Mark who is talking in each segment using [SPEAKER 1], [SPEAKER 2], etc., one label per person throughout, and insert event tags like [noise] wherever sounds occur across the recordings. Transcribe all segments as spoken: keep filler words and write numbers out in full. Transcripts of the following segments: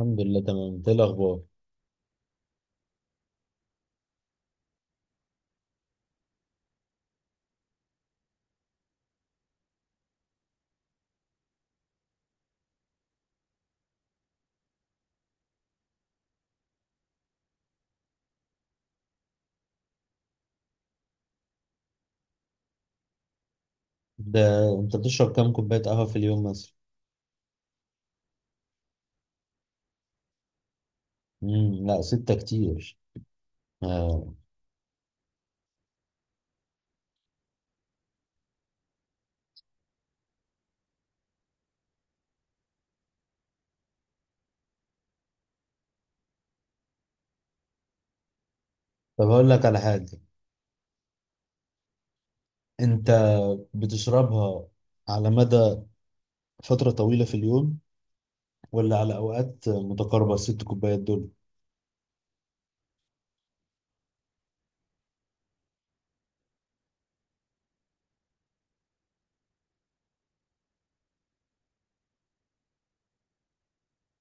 [SPEAKER 1] الحمد لله، تمام. انت ايه الاخبار؟ ده انت بتشرب كام كوبايه قهوه في اليوم مثلا؟ امم لا، ستة كتير. آه. طب هقول لك على حاجه. انت بتشربها على مدى فتره طويله في اليوم ولا على اوقات متقاربه الست كوبايات دول؟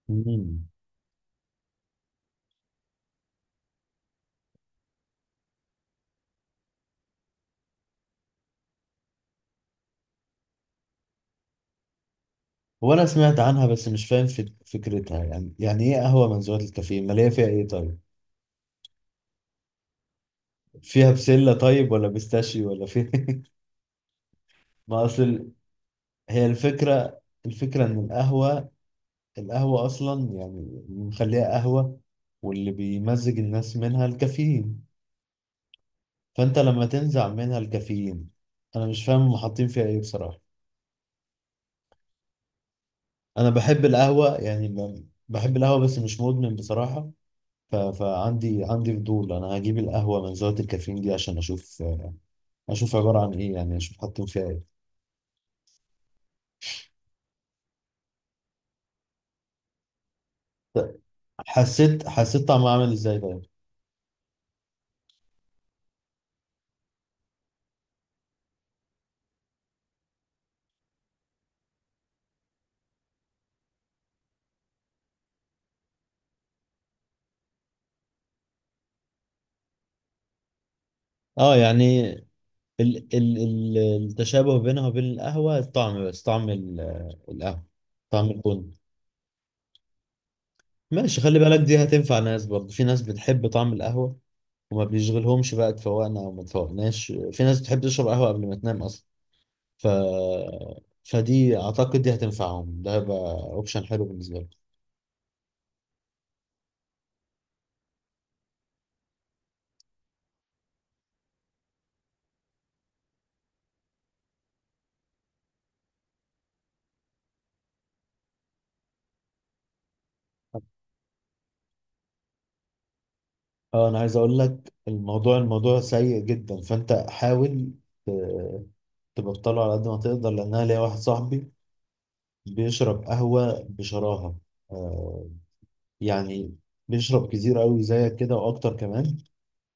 [SPEAKER 1] امم هو انا سمعت عنها، بس مش فاهم فك- فكرتها. يعني يعني ايه قهوه منزوعه الكافيين؟ ماليه فيها ايه طيب؟ فيها بسله طيب، ولا بيستاشيو، ولا فيها [laughs] ما اصل. هي الفكره الفكره ان القهوه، القهوة أصلا يعني اللي مخليها قهوة، واللي بيمزج الناس منها الكافيين. فأنت لما تنزع منها الكافيين، أنا مش فاهم هم حاطين فيها إيه بصراحة. أنا بحب القهوة، يعني ب- بحب القهوة بس مش مدمن بصراحة. ف... فعندي عندي فضول. أنا هجيب القهوة من زاوية الكافيين دي عشان أشوف أشوف عبارة عن إيه، يعني أشوف حاطين فيها إيه. حسيت حسيت طعمها عامل إزاي طيب؟ أه يعني، ال ال ال التشابه بينها وبين القهوة الطعم، بس طعم ال- القهوة، طعم البن. ماشي، خلي بالك دي هتنفع ناس برضه، في ناس بتحب طعم القهوة وما بيشغلهمش بقى اتفوقنا او ما اتفوقناش، في ناس بتحب تشرب قهوة قبل ما تنام اصلا. ف فدي اعتقد دي هتنفعهم، ده هيبقى اوبشن حلو بالنسبة لك. اه، انا عايز اقول لك الموضوع الموضوع سيء جدا، فانت حاول ت- تبطله على قد ما تقدر، لان انا ليا واحد صاحبي بيشرب قهوة بشراهة، آه يعني بيشرب كتير قوي زيك كده واكتر كمان.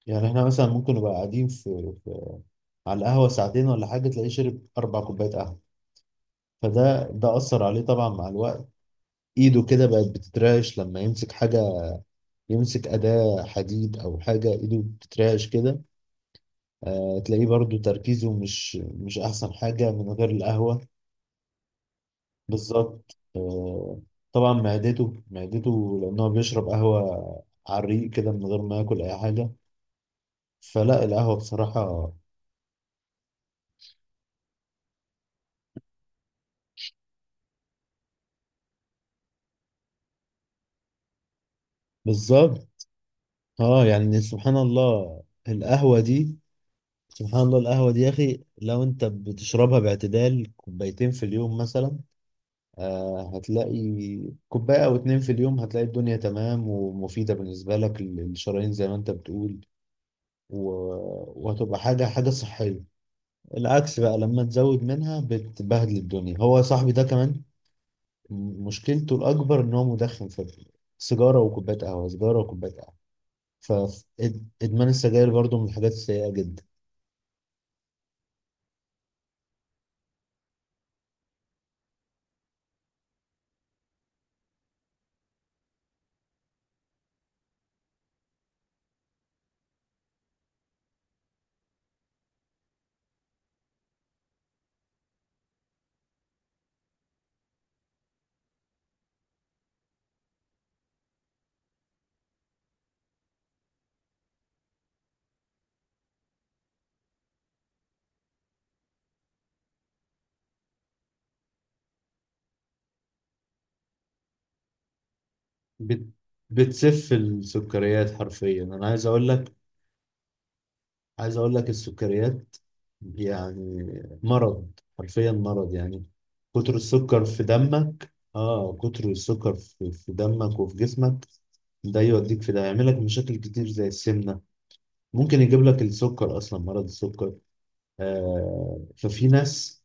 [SPEAKER 1] يعني احنا مثلا ممكن نبقى قاعدين في, في على القهوة ساعتين ولا حاجة، تلاقيه شرب اربع كوبايات قهوة. فده ده اثر عليه طبعا مع الوقت، ايده كده بقت بتترعش لما يمسك حاجة، يمسك أداة حديد او حاجة ايده بتترعش كده. آه، تلاقيه برضو تركيزه مش مش احسن حاجة من غير القهوة. بالظبط، آه، طبعا معدته معدته لأن هو بيشرب قهوة على الريق كده من غير ما ياكل أي حاجة. فلا القهوة بصراحة. بالظبط، اه يعني سبحان الله القهوة دي سبحان الله القهوة دي يا أخي، لو أنت بتشربها باعتدال كوبايتين في اليوم مثلا، آه هتلاقي، كوباية أو اتنين في اليوم هتلاقي الدنيا تمام ومفيدة بالنسبة لك للشرايين زي ما أنت بتقول، و... وهتبقى حاجة حاجة صحية. العكس بقى لما تزود منها بتبهدل الدنيا. هو صاحبي ده كمان م- مشكلته الأكبر إن هو مدخن، في سيجارة وكوباية قهوة، سيجارة وكوباية قهوة. فإدمان السجاير برضه من الحاجات السيئة جدا. بت... بتسف السكريات حرفيا. أنا عايز أقول لك عايز أقول لك السكريات يعني مرض، حرفيا مرض يعني. كتر السكر في دمك، آه كتر السكر في في دمك وفي جسمك، ده يوديك في ده يعملك مشاكل كتير زي السمنة، ممكن يجيب لك السكر اصلا، مرض السكر. آه ففي ناس،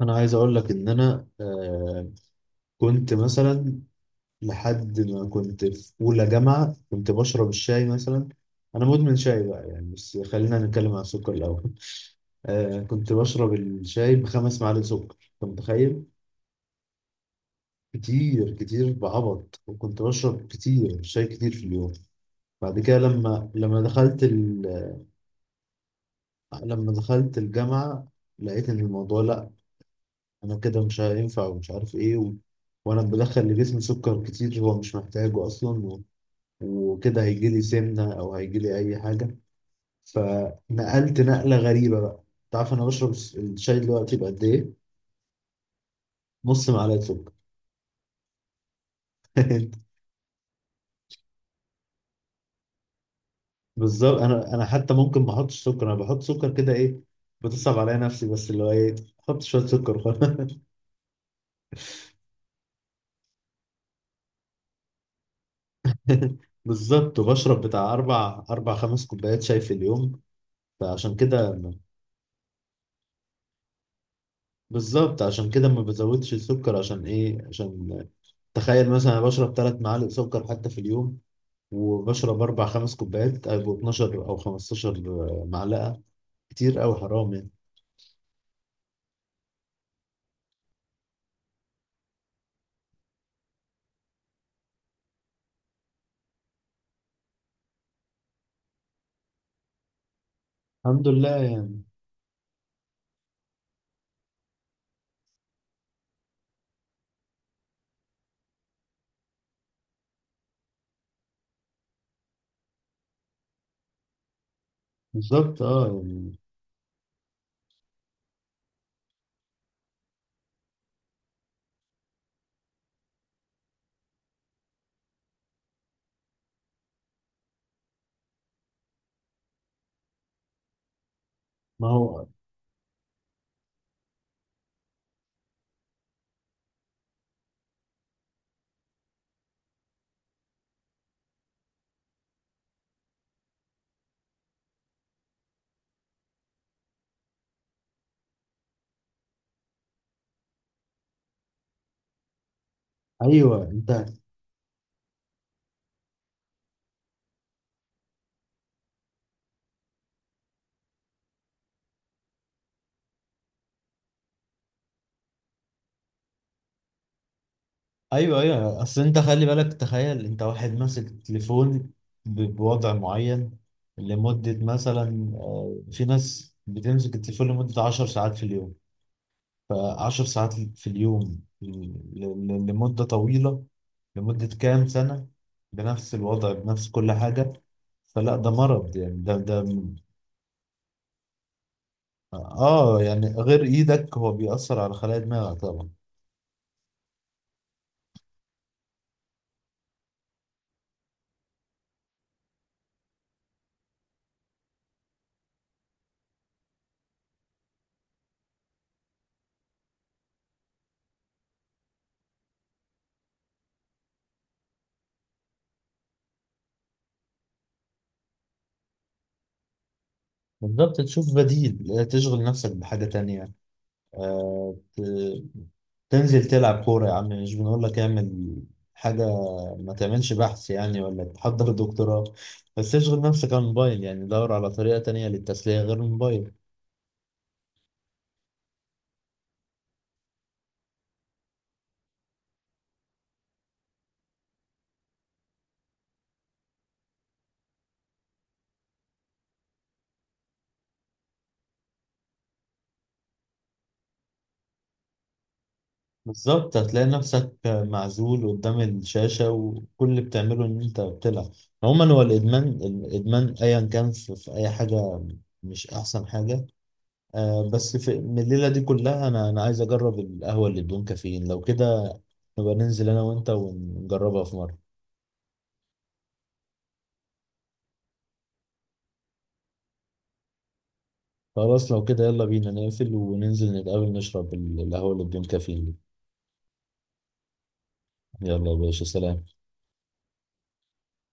[SPEAKER 1] انا عايز اقول لك ان انا آه كنت مثلا، لحد ما كنت في اولى جامعه كنت بشرب الشاي مثلا. انا مدمن شاي بقى يعني، بس خلينا نتكلم عن السكر الاول. آه كنت بشرب الشاي بخمس معالق سكر، انت متخيل؟ كتير كتير بعبط، وكنت بشرب كتير شاي كتير في اليوم. بعد كده لما لما دخلت ال... لما دخلت الجامعه، لقيت ان الموضوع لا، انا كده مش هينفع ومش عارف ايه و... وانا بدخل لجسمي سكر كتير هو مش محتاجه اصلا و... وكده هيجي لي سمنه او هيجي لي اي حاجه. فنقلت نقله غريبه بقى. تعرف انا بشرب الس- الشاي دلوقتي بقد ايه؟ نص معلقه سكر. [laughs] بالظبط، انا انا حتى ممكن ما احطش سكر، انا بحط سكر كده ايه، بتصعب عليا نفسي، بس اللي هو ايه، احط شويه سكر وخلاص. [laughs] بالظبط وبشرب بتاع اربع اربع خمس كوبايات شاي في اليوم. فعشان كده، بالظبط عشان كده ما بزودش السكر، عشان ايه؟ عشان تخيل مثلا انا بشرب ثلاث معالق سكر حتى في اليوم، وبشرب اربع خمس كوبايات، هيبقوا اتناشر او خمستاشر معلقه، كتير قوي حرام يعني. الحمد لله يعني. بالظبط اه يعني ما هو. ايوه انت، ايوه ايوه، اصل انت خلي بالك، تخيل انت واحد ماسك تليفون ب- بوضع معين، لمده مثلا، آه، في ناس بتمسك التليفون لمده عشر ساعات في اليوم. فعشر ساعات في اليوم ل- ل- لمدة طويلة، لمدة كام سنة، بنفس الوضع بنفس كل حاجة. فلا ده مرض يعني ده ده. اه يعني، غير ايدك، هو بيأثر على خلايا دماغك طبعا. بالظبط، تشوف بديل، تشغل نفسك بحاجة تانية. آه، ت- تنزل تلعب كورة يا عم، مش بنقول لك اعمل حاجة، ما تعملش بحث يعني ولا تحضر دكتوراه، بس اشغل نفسك عن الموبايل، يعني دور على طريقة تانية للتسلية غير الموبايل. بالظبط، هتلاقي نفسك معزول قدام الشاشة وكل اللي بتعمله إن أنت بتلعب. عموما هو الإدمان الإدمان أيا كان في, في أي حاجة، مش أحسن حاجة. آه، بس في من الليلة دي كلها أنا أنا عايز أجرب القهوة اللي بدون كافيين، لو كده نبقى ننزل أنا وأنت ونجربها في مرة. خلاص لو كده يلا بينا نقفل وننزل نتقابل نشرب ال- القهوة اللي بدون كافيين دي. يلا يا باشا، سلام.